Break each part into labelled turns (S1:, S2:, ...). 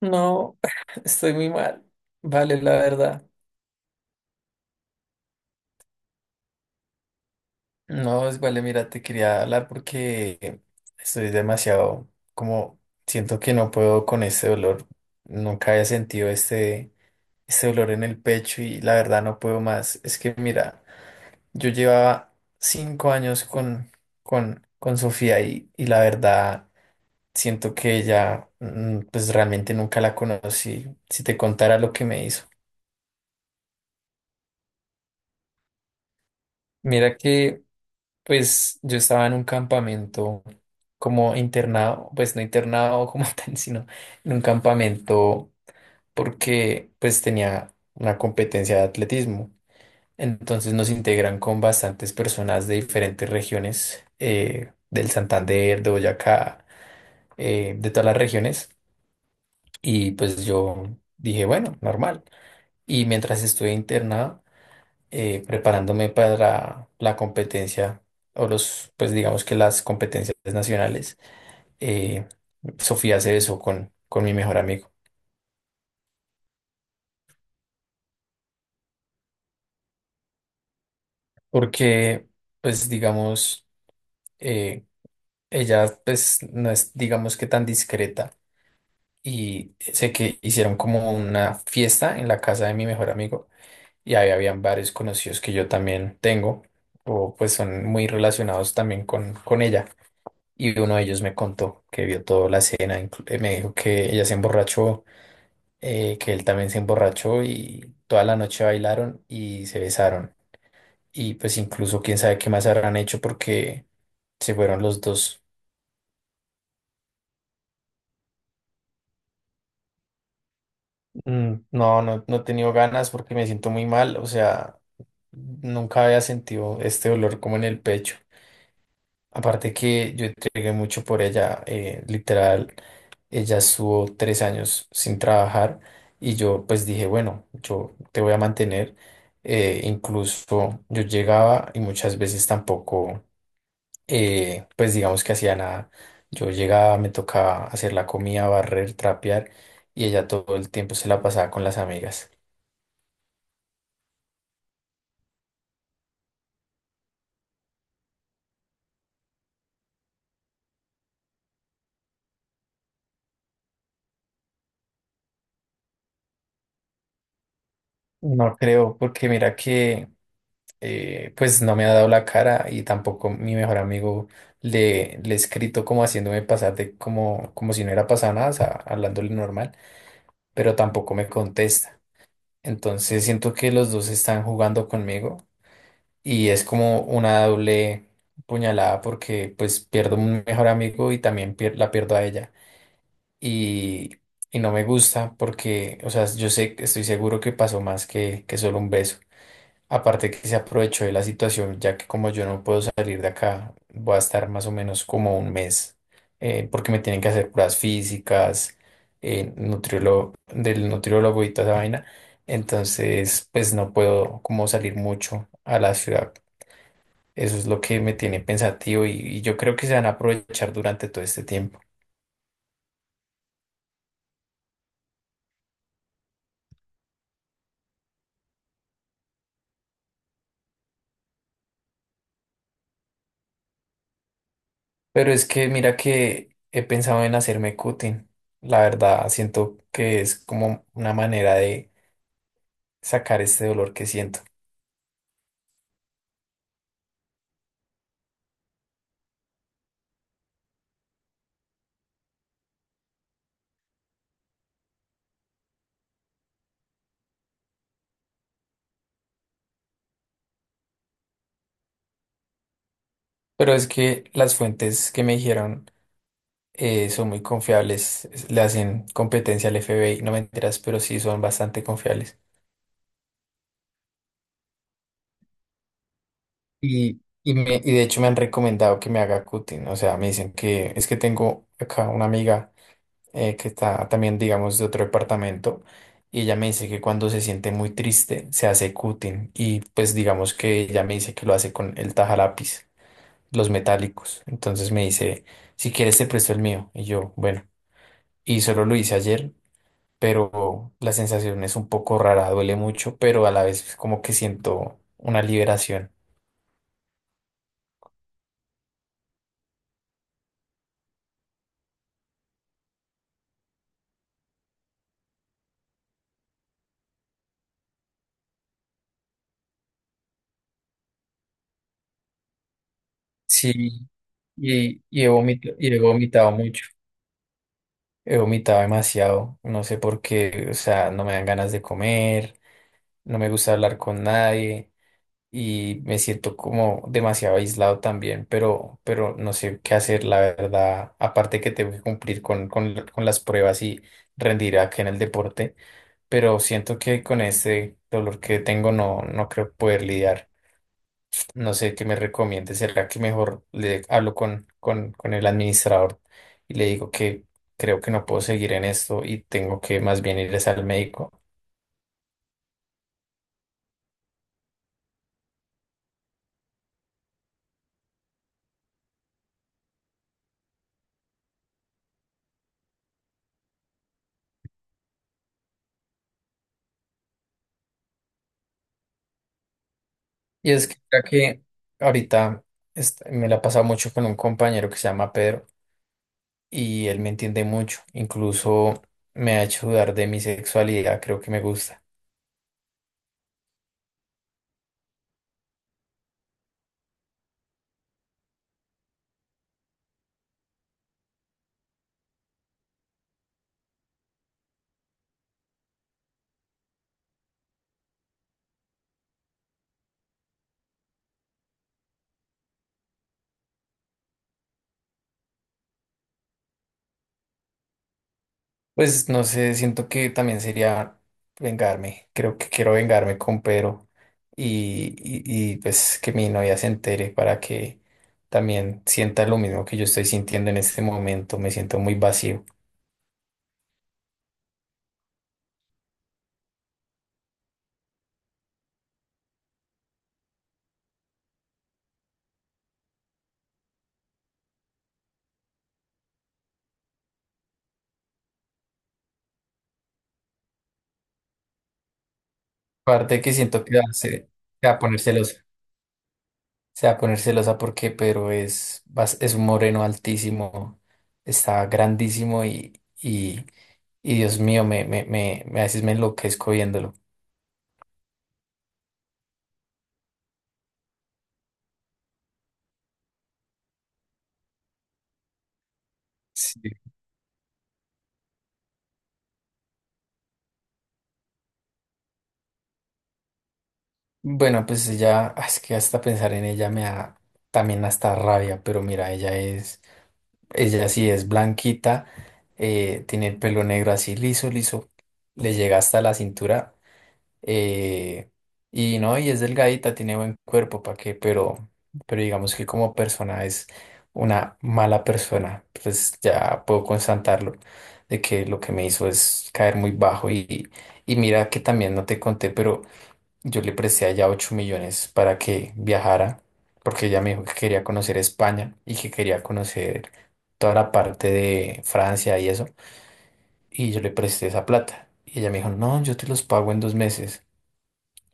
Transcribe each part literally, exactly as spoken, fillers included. S1: No, estoy muy mal. Vale, la verdad. No, es- vale, mira, te quería hablar porque estoy demasiado, como siento que no puedo con este dolor. Nunca había sentido este, este dolor en el pecho y la verdad no puedo más. Es que mira, yo llevaba cinco años con, con, con Sofía y, y la verdad siento que ella, mm, pues realmente nunca la conocí. Si te contara lo que me hizo. Mira que. Pues yo estaba en un campamento como internado, pues no internado como tal, sino en un campamento porque pues tenía una competencia de atletismo. Entonces nos integran con bastantes personas de diferentes regiones, eh, del Santander, de Boyacá, eh, de todas las regiones. Y pues yo dije, bueno, normal. Y mientras estuve internado, eh, preparándome para la competencia o los, pues digamos que las competencias nacionales, eh, Sofía se besó con, con mi mejor amigo, porque pues digamos, eh, ella pues no es digamos que tan discreta y sé que hicieron como una fiesta en la casa de mi mejor amigo y ahí habían varios conocidos que yo también tengo o pues son muy relacionados también con, con ella. Y uno de ellos me contó que vio toda la escena, inclu- eh, me dijo que ella se emborrachó, eh, que él también se emborrachó y toda la noche bailaron y se besaron. Y pues incluso quién sabe qué más habrán hecho porque se fueron los dos. Mm, no, no, no he tenido ganas porque me siento muy mal, o sea, nunca había sentido este dolor como en el pecho. Aparte que yo entregué mucho por ella, eh, literal, ella estuvo tres años sin trabajar y yo pues dije, bueno, yo te voy a mantener. Eh, incluso yo llegaba y muchas veces tampoco, eh, pues digamos que hacía nada. Yo llegaba, me tocaba hacer la comida, barrer, trapear y ella todo el tiempo se la pasaba con las amigas. No creo, porque mira que eh, pues no me ha dado la cara y tampoco mi mejor amigo le, le he escrito como haciéndome pasar de como, como si no era pasado nada, o sea, hablándole normal, pero tampoco me contesta. Entonces siento que los dos están jugando conmigo y es como una doble puñalada porque pues pierdo un mejor amigo y también pier- la pierdo a ella. Y, y no me gusta porque, o sea, yo sé, estoy seguro que pasó más que, que solo un beso. Aparte que se aprovechó de la situación, ya que como yo no puedo salir de acá, voy a estar más o menos como un mes, eh, porque me tienen que hacer pruebas físicas, eh, nutriólogo, del nutriólogo y toda esa vaina. Entonces, pues no puedo como salir mucho a la ciudad. Eso es lo que me tiene pensativo y, y yo creo que se van a aprovechar durante todo este tiempo. Pero es que mira que he pensado en hacerme cutting. La verdad, siento que es como una manera de sacar este dolor que siento. Pero es que las fuentes que me dijeron eh, son muy confiables, es- le hacen competencia al F B I no me enteras, pero sí son bastante confiables. Y, y, me- y de hecho me han recomendado que me haga cutting, o sea, me dicen que es que tengo acá una amiga eh, que está también, digamos, de otro departamento, y ella me dice que cuando se siente muy triste se hace cutting, y pues digamos que ella me dice que lo hace con el tajalápiz, los metálicos. Entonces me dice, si quieres te presto el mío, y yo, bueno. Y solo lo hice ayer, pero la sensación es un poco rara, duele mucho, pero a la vez es como que siento una liberación. Sí, y, y he vomit- y he vomitado mucho, he vomitado demasiado, no sé por qué, o sea, no me dan ganas de comer, no me gusta hablar con nadie y me siento como demasiado aislado también, pero, pero no sé qué hacer, la verdad, aparte que tengo que cumplir con, con, con las pruebas y rendir acá en el deporte. Pero siento que con este dolor que tengo no, no creo poder lidiar. No sé qué me recomiende. ¿Será que mejor le hablo con, con, con el administrador y le digo que creo que no puedo seguir en esto y tengo que más bien ir es al médico? Y es que, ya que ahorita est- me la he pasado mucho con un compañero que se llama Pedro y él me entiende mucho. Incluso me ha hecho dudar de mi sexualidad. Creo que me gusta. Pues no sé, siento que también sería vengarme. Creo que quiero vengarme con Pedro y, y, y, pues que mi novia se entere para que también sienta lo mismo que yo estoy sintiendo en este momento. Me siento muy vacío. Aparte que siento que va a ser- se va a poner celosa. Se va a poner celosa porque Pedro es, bas- es un moreno altísimo, está grandísimo y, y, y Dios mío, me, me, me, me- a veces me enloquezco viéndolo. Bueno, pues ella, ah, es que hasta pensar en ella me da también hasta rabia, pero mira, ella es, ella sí es blanquita, eh, tiene el pelo negro así liso, liso, le llega hasta la cintura, eh, y no, y es delgadita, tiene buen cuerpo, ¿para qué? Pero, pero digamos que como persona es una mala persona, pues ya puedo constatarlo, de que lo que me hizo es caer muy bajo y, y mira que también no te conté, pero yo le presté allá ocho millones para que viajara, porque ella me dijo que quería conocer España y que quería conocer toda la parte de Francia y eso. Y yo le presté esa plata. Y ella me dijo, no, yo te los pago en dos meses.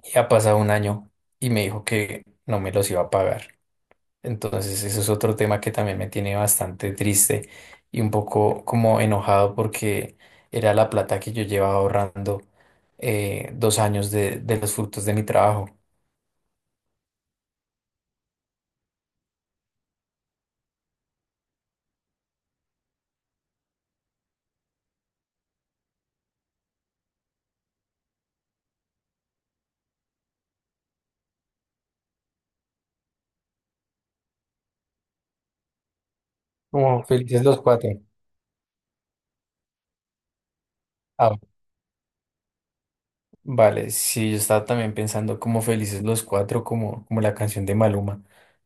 S1: Y ha pasado un año y me dijo que no me los iba a pagar. Entonces, eso es otro tema que también me tiene bastante triste y un poco como enojado porque era la plata que yo llevaba ahorrando eh, dos años de, de los frutos de mi trabajo. Como felices los cuatro. Ah, vale, sí, yo estaba también pensando como felices los cuatro, como, como, la canción de Maluma.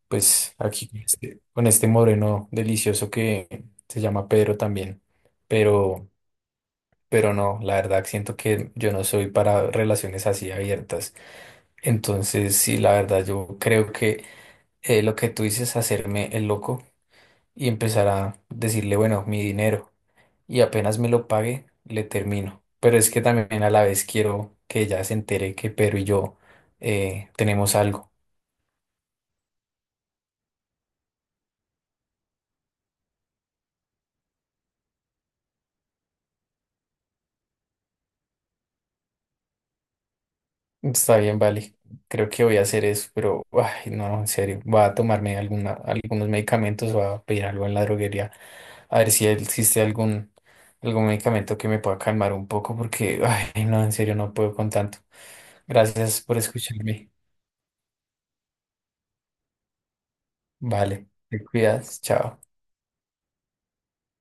S1: Pues aquí con este, con este moreno delicioso que se llama Pedro también. Pero, pero no, la verdad siento que yo no soy para relaciones así abiertas. Entonces, sí, la verdad, yo creo que eh, lo que tú dices, hacerme el loco y empezar a decirle, bueno, mi dinero. Y apenas me lo pague, le termino. Pero es que también a la vez quiero que ella se entere que Pedro y yo eh, tenemos algo. Está bien, vale. Creo que voy a hacer eso, pero ay, no, en serio. Voy a tomarme alguna, algunos medicamentos, voy a pedir algo en la droguería, a ver si existe algún, algún medicamento que me pueda calmar un poco, porque ay, no, en serio, no puedo con tanto. Gracias por escucharme. Vale, te cuidas, chao.